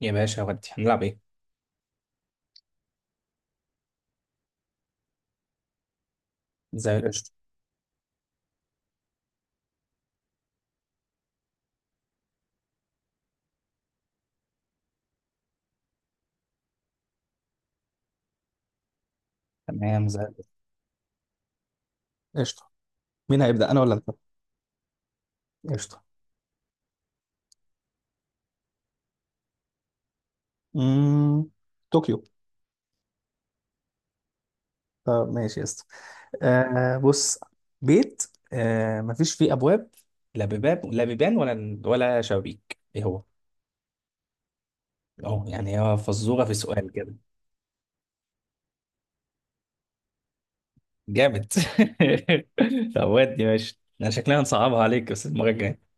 يا باشا ودي هنلعب ايه؟ زي القشطة. تمام، زي القشطة. قشطة. مين هيبدأ، أنا ولا أنت؟ قشطة. مم... طوكيو. طب ماشي يا اسطى. بص، بيت، مفيش فيه أبواب، لا بيبان، لا بيبان ولا شبابيك، ايه هو؟ اه يعني هي فزورة في سؤال كده جامد. طب ودي ماشي، انا شكلها هنصعبها عليك بس المرة الجاية.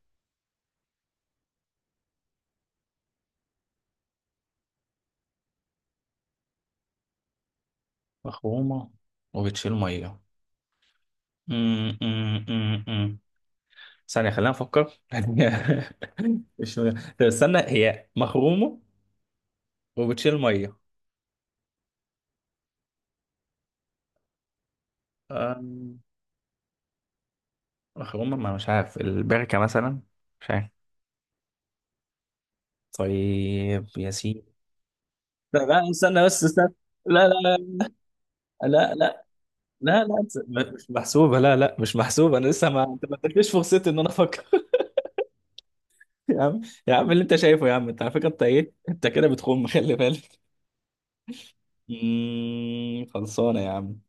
مخرومة وبتشيل مية. ثانية خلينا نفكر. مش، طب استنى، هي مخرومة وبتشيل مية. أم، مخرومة، ما مش عارف، البركة مثلا؟ مش عارف. طيب يا سيدي. لا لا، استنى بس، استنى. لا لا لا لا لا لا لا، مش محسوبة، لا لا، مش محسوبة، أنا لسه، ما أنت ما ادتنيش فرصتي إن أنا أفكر. يا عم، يا عم اللي أنت شايفه، يا عم أنت على فكرة، أنت إيه، أنت كده بتخم، خلي بالك. خلصانة يا عم.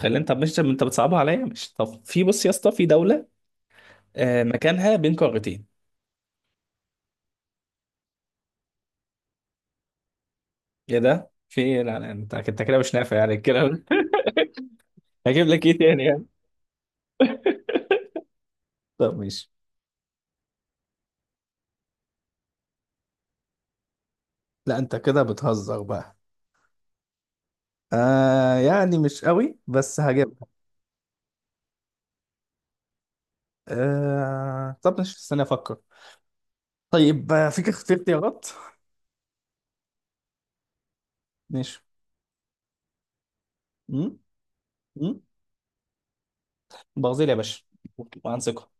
خلي، أنت مش، أنت بتصعبها عليا، مش، طب في، بص يا اسطى، في دولة، مكانها بين قارتين. يا ده في إيه؟ لا لا، انت كده مش نافع يعني الكلام ده. هجيب لك ايه تاني يعني؟ طب ماشي. لا انت كده بتهزر بقى. آه يعني مش قوي بس هجيبها. آه طب مش، استنى افكر. طيب، فيك اختيار، اختيارات. ماشي. امم امم برازيل يا باشا، وعن ثقة.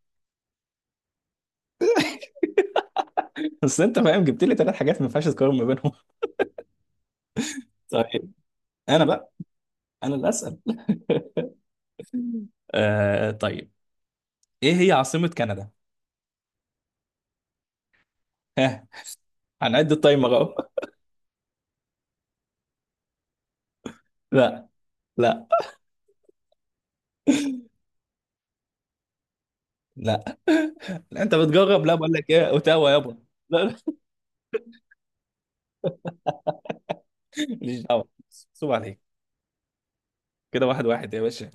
بس انت فاهم، جبت لي ثلاث حاجات ما ينفعش تقارن ما بينهم. طيب، انا بقى، انا اللي اسال. آه طيب، ايه هي عاصمة كندا؟ ها، هنعد التايمر اهو. لا لا لا. لا، انت بتجرب، لا بقول لك ايه، اوتاوا يابا. لا لا، ماليش دعوه، صوب عليك. كده واحد واحد يا باشا.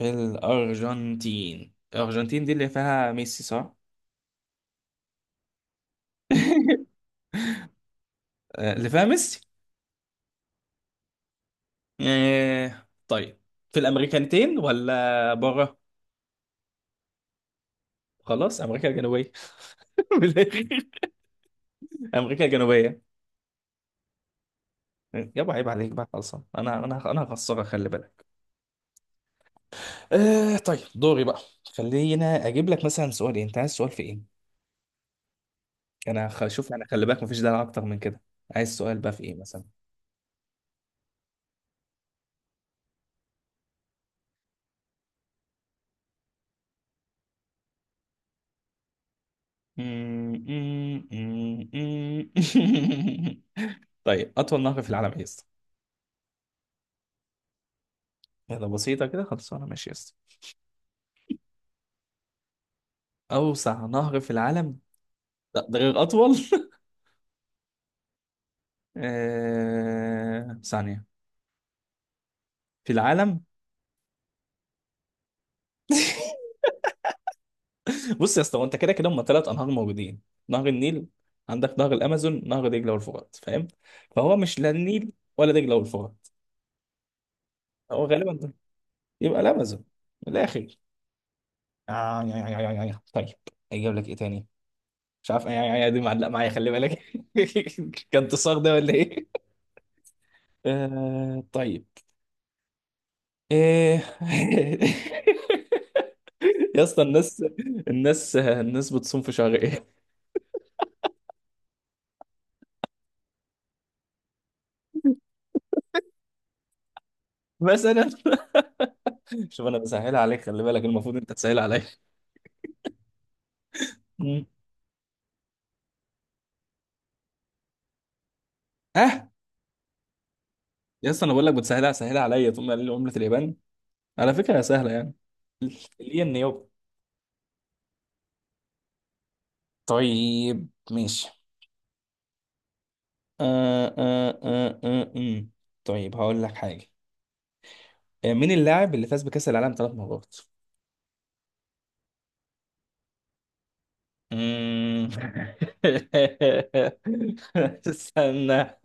الارجنتين، الارجنتين دي اللي فيها ميسي صح؟ آه، اللي فيها ميسي. آه، طيب، في الامريكانتين ولا بره؟ خلاص، امريكا الجنوبيه. من الآخر. امريكا الجنوبيه. يابا عيب عليك بقى، خلصان، انا هخسرك خلي بالك. آه طيب، دوري بقى. خلينا اجيب لك مثلا سؤال إيه، انت عايز سؤال في ايه؟ انا هشوف، انا خلي بالك مفيش دلع اكتر من كده. عايز سؤال بقى في ايه مثلا؟ طيب، اطول نهر في العالم ايه يا اسطى؟ يلا، بسيطه كده، خلاص انا ماشي يا اسطى. اوسع نهر في العالم؟ لا، ده غير اطول. ثانيه، في العالم. بص يا اسطى، هو انت كده كده، هم ثلاث انهار موجودين: نهر النيل، عندك نهر الامازون، نهر دجله والفرات، فاهم؟ فهو مش، لا النيل ولا دجله والفرات، هو غالبا ده، يبقى الامازون. من الاخر. آه يا يا يا يا يا. طيب، اجيب لك ايه تاني؟ مش عارف، يا دي معلقه معايا خلي بالك. كان تصاغ ده ولا ايه؟ آه طيب، ايه؟ يا اسطى، الناس، الناس بتصوم في شهر ايه؟ مثلا. شوف، انا بسهلها عليك خلي بالك، المفروض انت تسهل عليا. مم. اه يا اسطى، انا بقول لك بتسهلها، سهلها عليا، تقوم قايل لي عملة اليابان، على فكرة هي سهلة يعني، الين يابا. طيب ماشي. آه آه آه آه آه. طيب هقول لك حاجة. آه، مين اللاعب اللي فاز بكأس العالم ثلاث مرات؟ مم. استنى.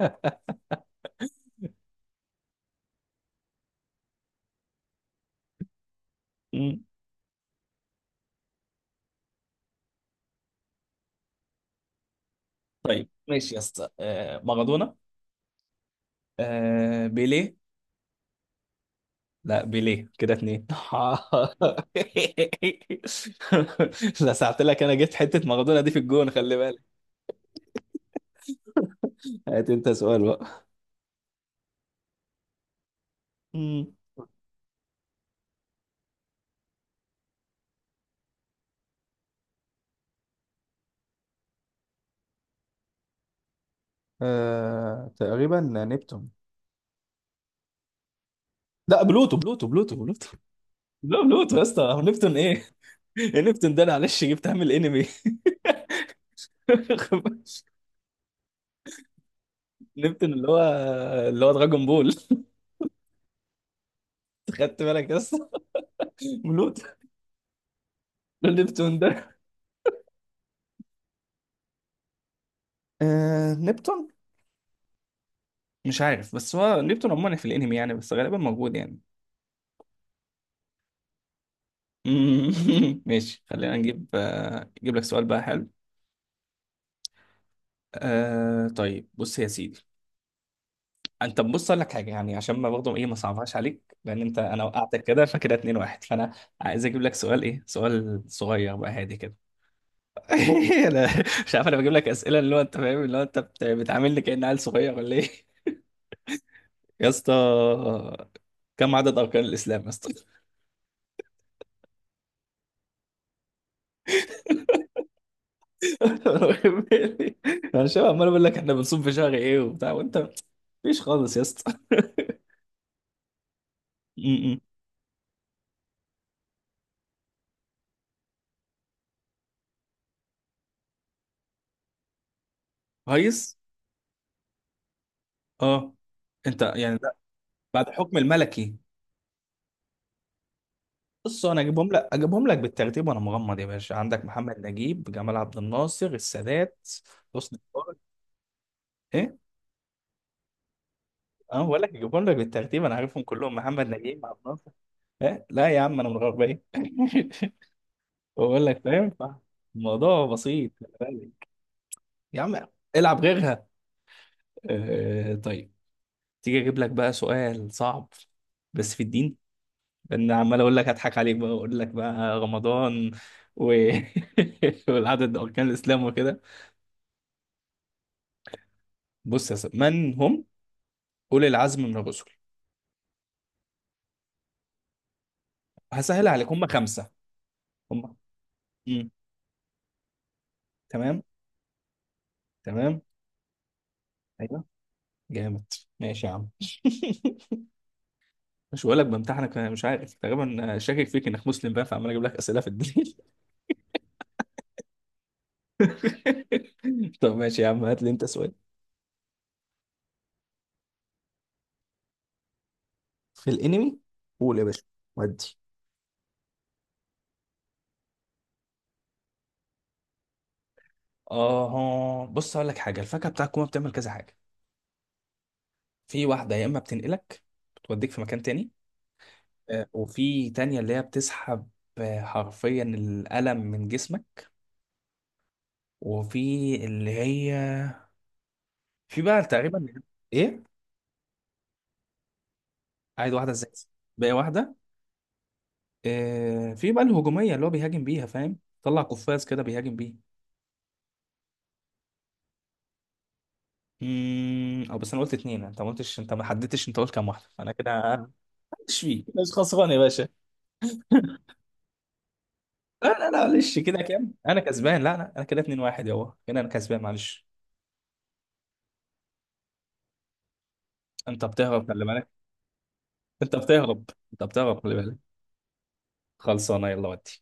مم. طيب ماشي يا اسطى، آه، مارادونا، آه، بيليه. لا بيليه كده اتنين. لا ساعت لك، انا جبت حتة مارادونا دي في الجون، خلي بالك. هات انت سؤال بقى. مم. آه، تقريبا نبتون. لا، بلوتو بلوتو بلوتو بلوتو. لا، بلوتو يا اسطى، هو نبتون ايه؟ نبتون ده معلش جبتها من الانمي. نبتون اللي هو، اللي هو دراجون بول. خدت بالك يا اسطى؟ ملوت. نبتون ده، نبتون، مش عارف، بس هو نبتون عموما في الانمي يعني، بس غالبا موجود يعني. ماشي، خلينا نجيب، نجيب لك سؤال بقى حلو. طيب بص يا سيدي. انت بص، اقول لك حاجه يعني، عشان ما برضه ايه، ما صعبهاش عليك، لان انت، انا وقعتك كده، فكده 2-1 فانا عايز اجيب لك سؤال ايه، سؤال صغير بقى هادي كده. انا مش عارف، انا بجيب لك اسئله اللي هو انت فاهم، اللي هو انت بتعاملني كأن عيل صغير ولا ايه يا اسطى؟ كم عدد اركان الاسلام يا اسطى؟ انا شبه عمال اقول لك احنا بنصوم في شهر ايه وبتاع وانت، مفيش خالص يا اسطى. م-م. كويس. اه. انت يعني ده بعد حكم الملكي؟ بص انا اجيبهم لك، اجيبهم لك بالترتيب وانا مغمض يا باشا: عندك محمد نجيب، جمال عبد الناصر، السادات، حسني مبارك. اه بقول لك جيبهم لك بالترتيب، انا عارفهم كلهم، محمد نجيب، عبد الناصر. إيه؟ لا يا عم انا من الغربيه. بقول لك فاهم الموضوع بسيط خلي بالك. يا عم، العب غيرها. آه طيب، تيجي اجيب لك بقى سؤال صعب، بس في الدين، لان عمال اقول لك هضحك عليك بقى، اقول لك بقى رمضان و... والعدد اركان الاسلام وكده. بص يا سيدي، من هم اولي العزم من الرسل؟ هسهل عليك، هم خمسه، هم، مم. تمام، تمام. أيوه، جامد. ماشي يا عم. مش بقول لك بامتحنك، انا مش عارف، تقريبا شاكك فيك انك مسلم بقى، فعمال اجيب لك اسئله في الدين. طب ماشي يا عم، هات لي انت سؤال. في الانمي؟ قول يا باشا، ودي. اه بص، هقول لك حاجه، الفاكهه بتاع الكوما بتعمل كذا حاجه: في واحده يا اما بتنقلك، بتوديك في مكان تاني، آه، وفي تانية اللي هي بتسحب، آه، حرفيا الألم من جسمك، وفي اللي هي، في بقى تقريبا، ايه عايز واحده ازاي؟ بقى واحده، آه، في بقى الهجوميه اللي هو بيهاجم بيها فاهم، طلع قفاز كده بيهاجم بيه. او بس، انا قلت اتنين، انت ما قلتش، انت ما حددتش، انت قلت كام واحده، فانا كده مش فيه، مش خسران يا باشا. لا لا لا معلش، كده كام، انا كسبان، لا لا، انا كده 2-1 يابا، كده انا كسبان، معلش. انت بتهرب خلي بالك، انت بتهرب، انت بتهرب خلي بالك. خلصانه يلا ودي